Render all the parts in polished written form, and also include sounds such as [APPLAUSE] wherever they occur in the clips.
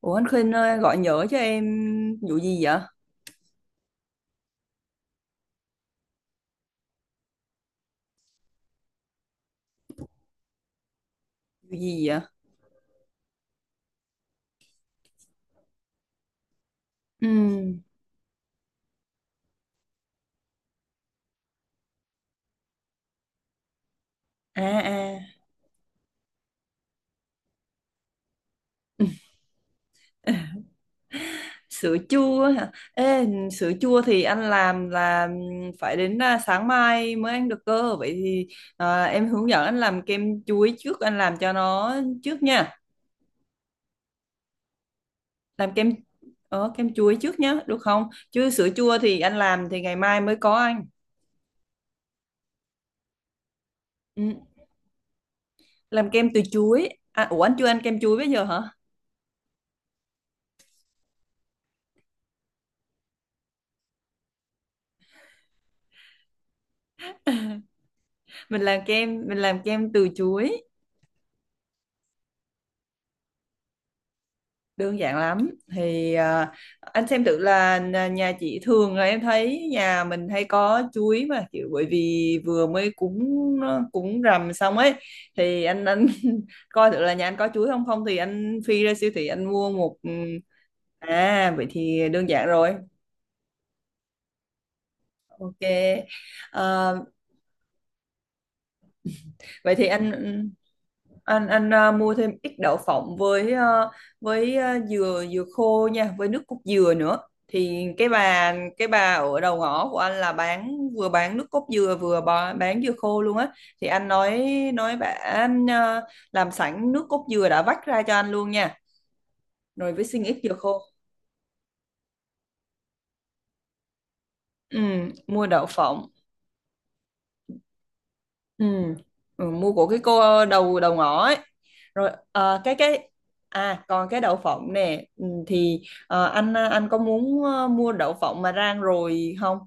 Ủa anh Khuynh ơi, gọi nhỡ cho em vụ gì vậy? Vụ gì vậy? Ừ. À à. [LAUGHS] Sữa chua hả? Ê, sữa chua thì anh làm là phải đến sáng mai mới ăn được cơ. Vậy thì em hướng dẫn anh làm kem chuối trước, anh làm cho nó trước nha. Làm kem kem chuối trước nhá, được không? Chứ sữa chua thì anh làm thì ngày mai mới có anh. Ừ. Làm kem từ chuối. À, ủa anh chưa ăn kem chuối bây giờ hả? Mình làm kem từ chuối. Đơn giản lắm thì anh xem thử là nhà nhà chị thường là em thấy nhà mình hay có chuối mà kiểu bởi vì vừa mới cúng cúng rằm xong ấy thì anh [LAUGHS] coi thử là nhà anh có chuối không, không thì anh phi ra siêu thị anh mua một. Ừ, À vậy thì đơn giản rồi. Ok. Ờ, vậy thì anh mua thêm ít đậu phộng với với dừa dừa khô nha, với nước cốt dừa nữa. Thì cái bà ở đầu ngõ của anh là bán vừa bán nước cốt dừa vừa bò- bán dừa khô luôn á. Thì anh nói bà anh làm sẵn nước cốt dừa đã vắt ra cho anh luôn nha. Rồi với xin ít dừa khô. Ừ, mua đậu phộng. Ừ. Ừ, mua của cái cô đầu đầu ngõ ấy. Rồi ờ, cái à còn cái đậu phộng nè, thì anh có muốn mua đậu phộng mà rang rồi không?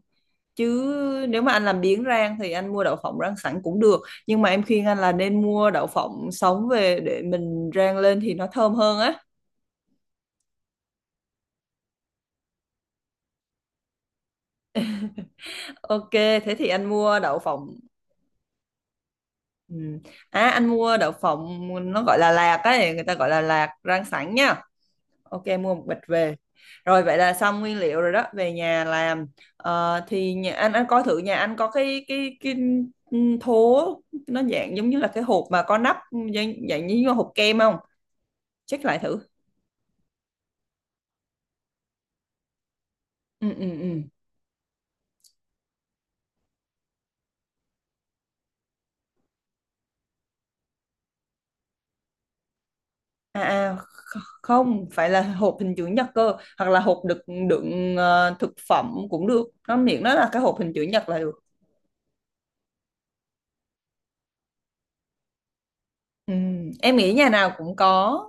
Chứ nếu mà anh làm biếng rang thì anh mua đậu phộng rang sẵn cũng được, nhưng mà em khuyên anh là nên mua đậu phộng sống về để mình rang lên thì nó thơm hơn á. Ok, thế thì anh mua đậu phộng. Ừ. À anh mua đậu phộng nó gọi là lạc ấy, người ta gọi là lạc rang sẵn nha. Ok, mua một bịch về, rồi vậy là xong nguyên liệu rồi đó, về nhà làm. Ờ, thì nhà anh coi thử nhà anh có cái thố, nó dạng giống như là cái hộp mà có nắp, dạng như hộp kem không, check lại thử. ừ ừ ừ à, à kh- không phải là hộp hình chữ nhật cơ, hoặc là hộp đựng đựng ờ, thực phẩm cũng được, nó miệng nó là cái hộp hình chữ nhật là được. Ừ, em nghĩ nhà nào cũng có.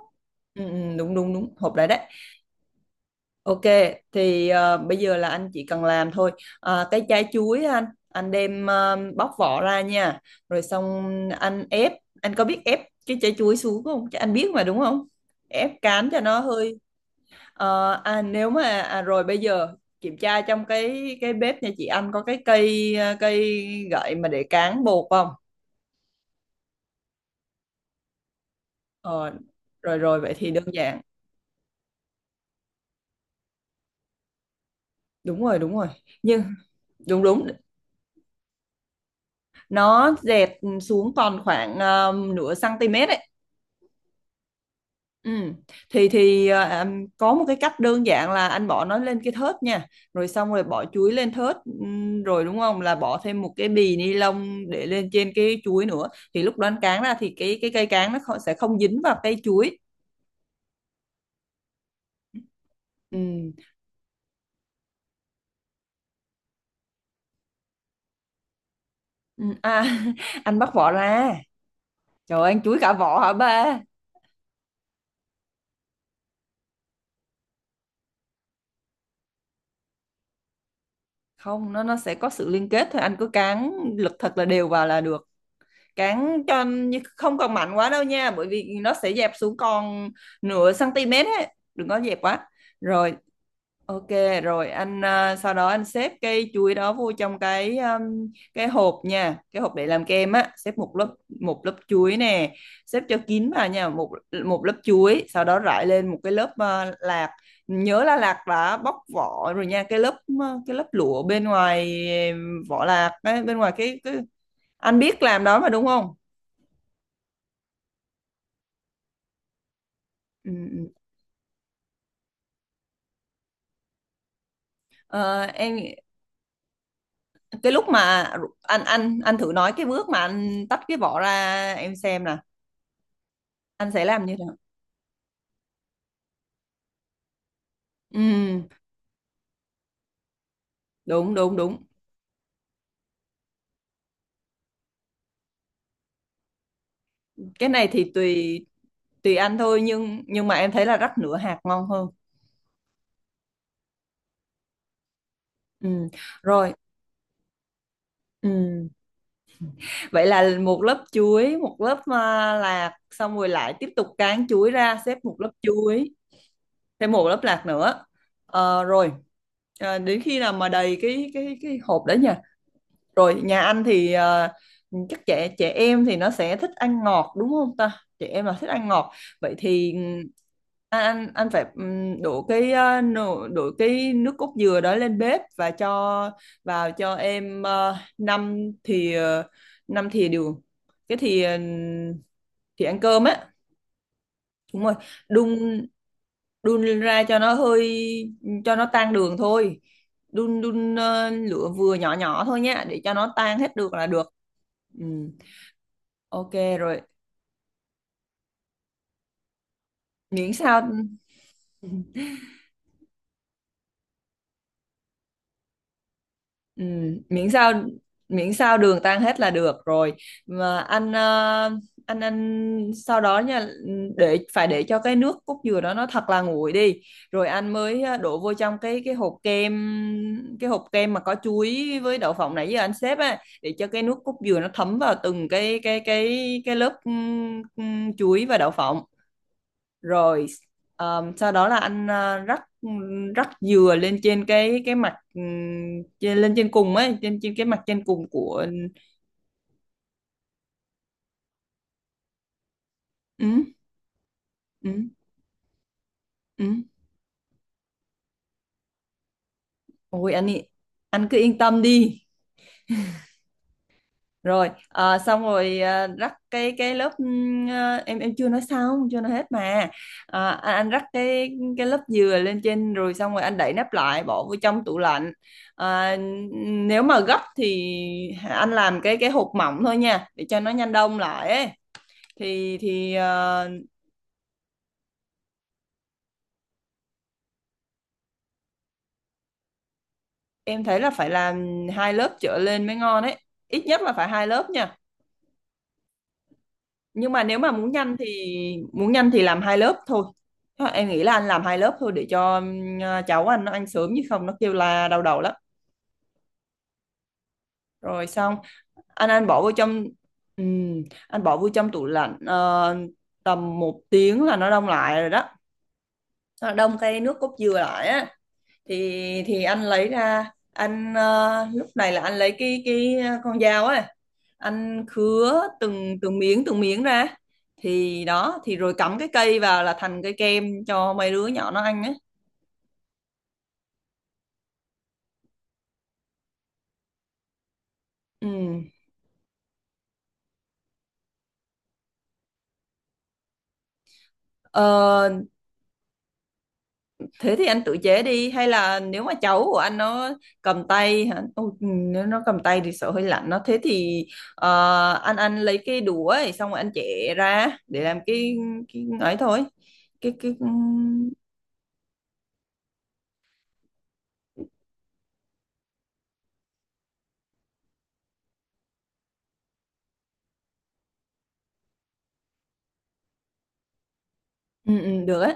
Ừ, ừ, đúng đúng đúng hộp đấy đấy. Ok, thì bây giờ là anh chỉ cần làm thôi. À, cái trái chuối á anh đem bóc vỏ ra nha. Rồi xong anh ép, anh có biết ép cái trái chuối xuống không? Chứ anh biết mà đúng không? Ép cán cho nó hơi. Nếu mà rồi bây giờ kiểm tra trong cái bếp nhà chị anh có cái cây cây gậy mà để cán bột không? Ờ, rồi rồi vậy thì đơn giản. Đúng rồi, đúng rồi. Nhưng đúng đúng, nó dẹt xuống còn khoảng nửa cm ấy. Ừ. Thì có một cái cách đơn giản là anh bỏ nó lên cái thớt nha, rồi xong rồi bỏ chuối lên thớt, rồi đúng không, là bỏ thêm một cái bì ni lông để lên trên cái chuối nữa, thì lúc đó anh cán ra thì cái cây cán nó không, sẽ không dính vào cây chuối. Ừ. Ừ. À, [LAUGHS] anh bắt vỏ ra, trời ơi, anh chuối cả vỏ hả ba? Không, nó nó sẽ có sự liên kết thôi, anh cứ cán lực thật là đều vào là được. Cán cho không cần mạnh quá đâu nha, bởi vì nó sẽ dẹp xuống còn nửa cm ấy, đừng có dẹp quá. Rồi, ok. Rồi anh sau đó anh xếp cây chuối đó vô trong cái hộp nha, cái hộp để làm kem á, xếp một lớp, một lớp chuối nè, xếp cho kín vào nha, một một lớp chuối, sau đó rải lên một cái lớp lạc. Nhớ là lạc đã bóc vỏ rồi nha, cái lớp lụa bên ngoài, vỏ lạc ấy, bên ngoài cái anh biết làm đó mà đúng không. Ừ, ừ. Ờ, em nghĩ- cái lúc mà ru- anh anh thử nói cái bước mà anh tách cái vỏ ra em xem nè, anh sẽ làm như thế nào. Ừ, đúng đúng đúng, cái này thì tùy, tùy anh thôi, nhưng mà em thấy là rắc nửa hạt ngon hơn. Ừ, rồi. Ừ. Vậy là một lớp chuối một lớp lạc xong rồi lại tiếp tục cán chuối ra xếp một lớp chuối, thêm một lớp lạc nữa. Ờ, rồi. Ờ, đến khi nào mà đầy cái hộp đấy nhỉ. Rồi nhà anh thì chắc trẻ trẻ em thì nó sẽ thích ăn ngọt đúng không ta? Trẻ em là thích ăn ngọt. Vậy thì ừm, anh phải đổ đổ cái nước cốt dừa đó lên bếp và cho vào cho em năm thìa, năm thìa đường. Cái thìa thìa ăn cơm á. Đúng rồi. Đun đun lên ra cho nó hơi, cho nó tan đường thôi. Đun đun lửa vừa nhỏ nhỏ thôi nhé, để cho nó tan hết được là được. Ừ. Ok. Rồi, miễn sao. Ừ, miễn sao miễn sao đường tan hết là được rồi. Mà anh anh sau đó nha, để phải để cho cái nước cốt dừa đó nó thật là nguội đi, rồi anh mới đổ vô trong cái hộp kem, cái hộp kem mà có chuối với đậu phộng nãy giờ anh xếp á, để cho cái nước cốt dừa nó thấm vào từng cái lớp chuối và đậu phộng. Rồi sau đó là anh rắc, rắc dừa lên trên cái mặt, lên trên cùng ấy, trên trên cái mặt trên cùng của. Ừ, ừ, ừ. Ôi anh ý, anh cứ yên tâm đi, rồi xong rồi rắc cái lớp ờ, em chưa nói xong, chưa nói hết mà. Ờ, anh rắc cái lớp dừa lên trên rồi, xong rồi anh đậy nắp lại bỏ vô trong tủ lạnh. Ờ, nếu mà gấp thì anh làm cái hộp mỏng thôi nha, để cho nó nhanh đông lại ấy. thì thì ờ, em thấy là phải làm hai lớp trở lên mới ngon ấy, ít nhất là phải hai lớp nha. Nhưng mà nếu mà muốn nhanh thì, muốn nhanh thì làm hai lớp thôi. Thôi, em nghĩ là anh làm hai lớp thôi để cho, cháu anh nó ăn sớm chứ không nó kêu la đau đầu lắm. Rồi xong anh bỏ vô trong, anh bỏ vô trong tủ lạnh tầm một tiếng là nó đông lại rồi đó, nó đông cái nước cốt dừa lại á. Thì anh lấy ra anh, lúc này là anh lấy cái con dao ấy, anh khứa từng từng miếng ra, thì đó thì rồi cắm cái cây vào là thành cây kem cho mấy đứa nhỏ nó ăn ấy. Ừ. Ờ, thế thì anh tự chế đi, hay là nếu mà cháu của anh nó cầm tay hả? Ôi, ừ, nếu nó cầm tay thì sợ hơi lạnh nó, thế thì anh lấy cái đũa ấy, xong rồi anh chẻ ra để làm cái ấy thôi, cái ừ, ừ, được á.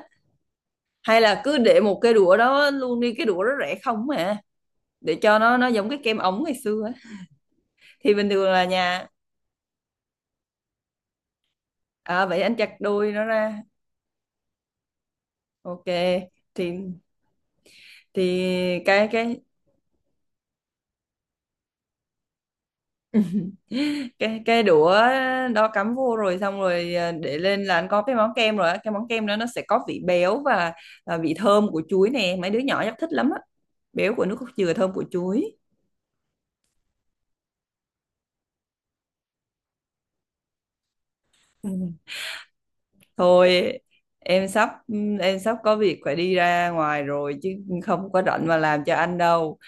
Hay là cứ để một cái đũa đó luôn đi, cái đũa đó rẻ không mà, để cho nó giống cái kem ống ngày xưa á. Thì bình thường là nhà. À, vậy anh chặt đôi nó ra. Ok. Thì thì cái cái [LAUGHS] cái đũa đó cắm vô rồi xong rồi, để lên là anh có cái món kem rồi á. Cái món kem đó nó sẽ có vị béo và vị thơm của chuối nè, mấy đứa nhỏ chắc thích lắm á, béo của nước cốt dừa, thơm của chuối. Thôi em sắp em sắp có việc phải đi ra ngoài rồi chứ không có rảnh mà làm cho anh đâu.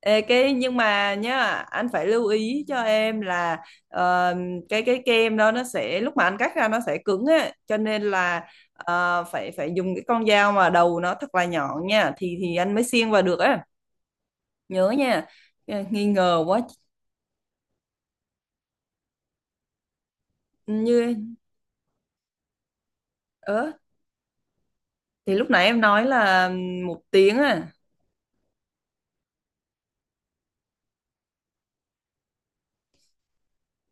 Ê, cái nhưng mà nhá, anh phải lưu ý cho em là ờ, cái kem đó nó sẽ lúc mà anh cắt ra nó sẽ cứng á, cho nên là ờ, phải phải dùng cái con dao mà đầu nó thật là nhọn nha, thì anh mới xiên vào được á, nhớ nha. Ờ, nghi ngờ quá. Như ớ thì lúc nãy em nói là một tiếng á,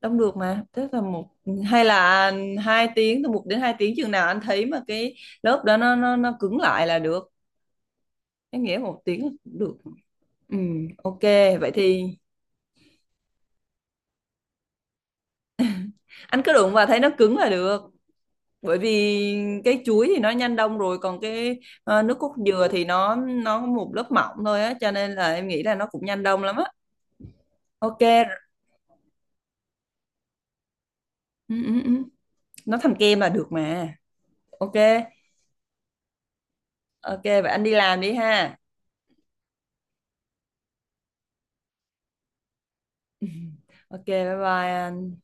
đông được mà, tức là một hay là 2 tiếng, từ một đến 2 tiếng, chừng nào anh thấy mà cái lớp đó nó cứng lại là được. Em nghĩ một tiếng là cũng được. Ừ, ok vậy thì anh cứ đụng vào thấy nó cứng là được, bởi vì cái chuối thì nó nhanh đông rồi, còn cái nước cốt dừa thì nó có một lớp mỏng thôi á, cho nên là em nghĩ là nó cũng nhanh đông lắm á. Ok. Ừ, ừ, ừ. Nó thành kem là được mà. Ok. Ok vậy anh đi làm đi ha. Ok, bye bye anh.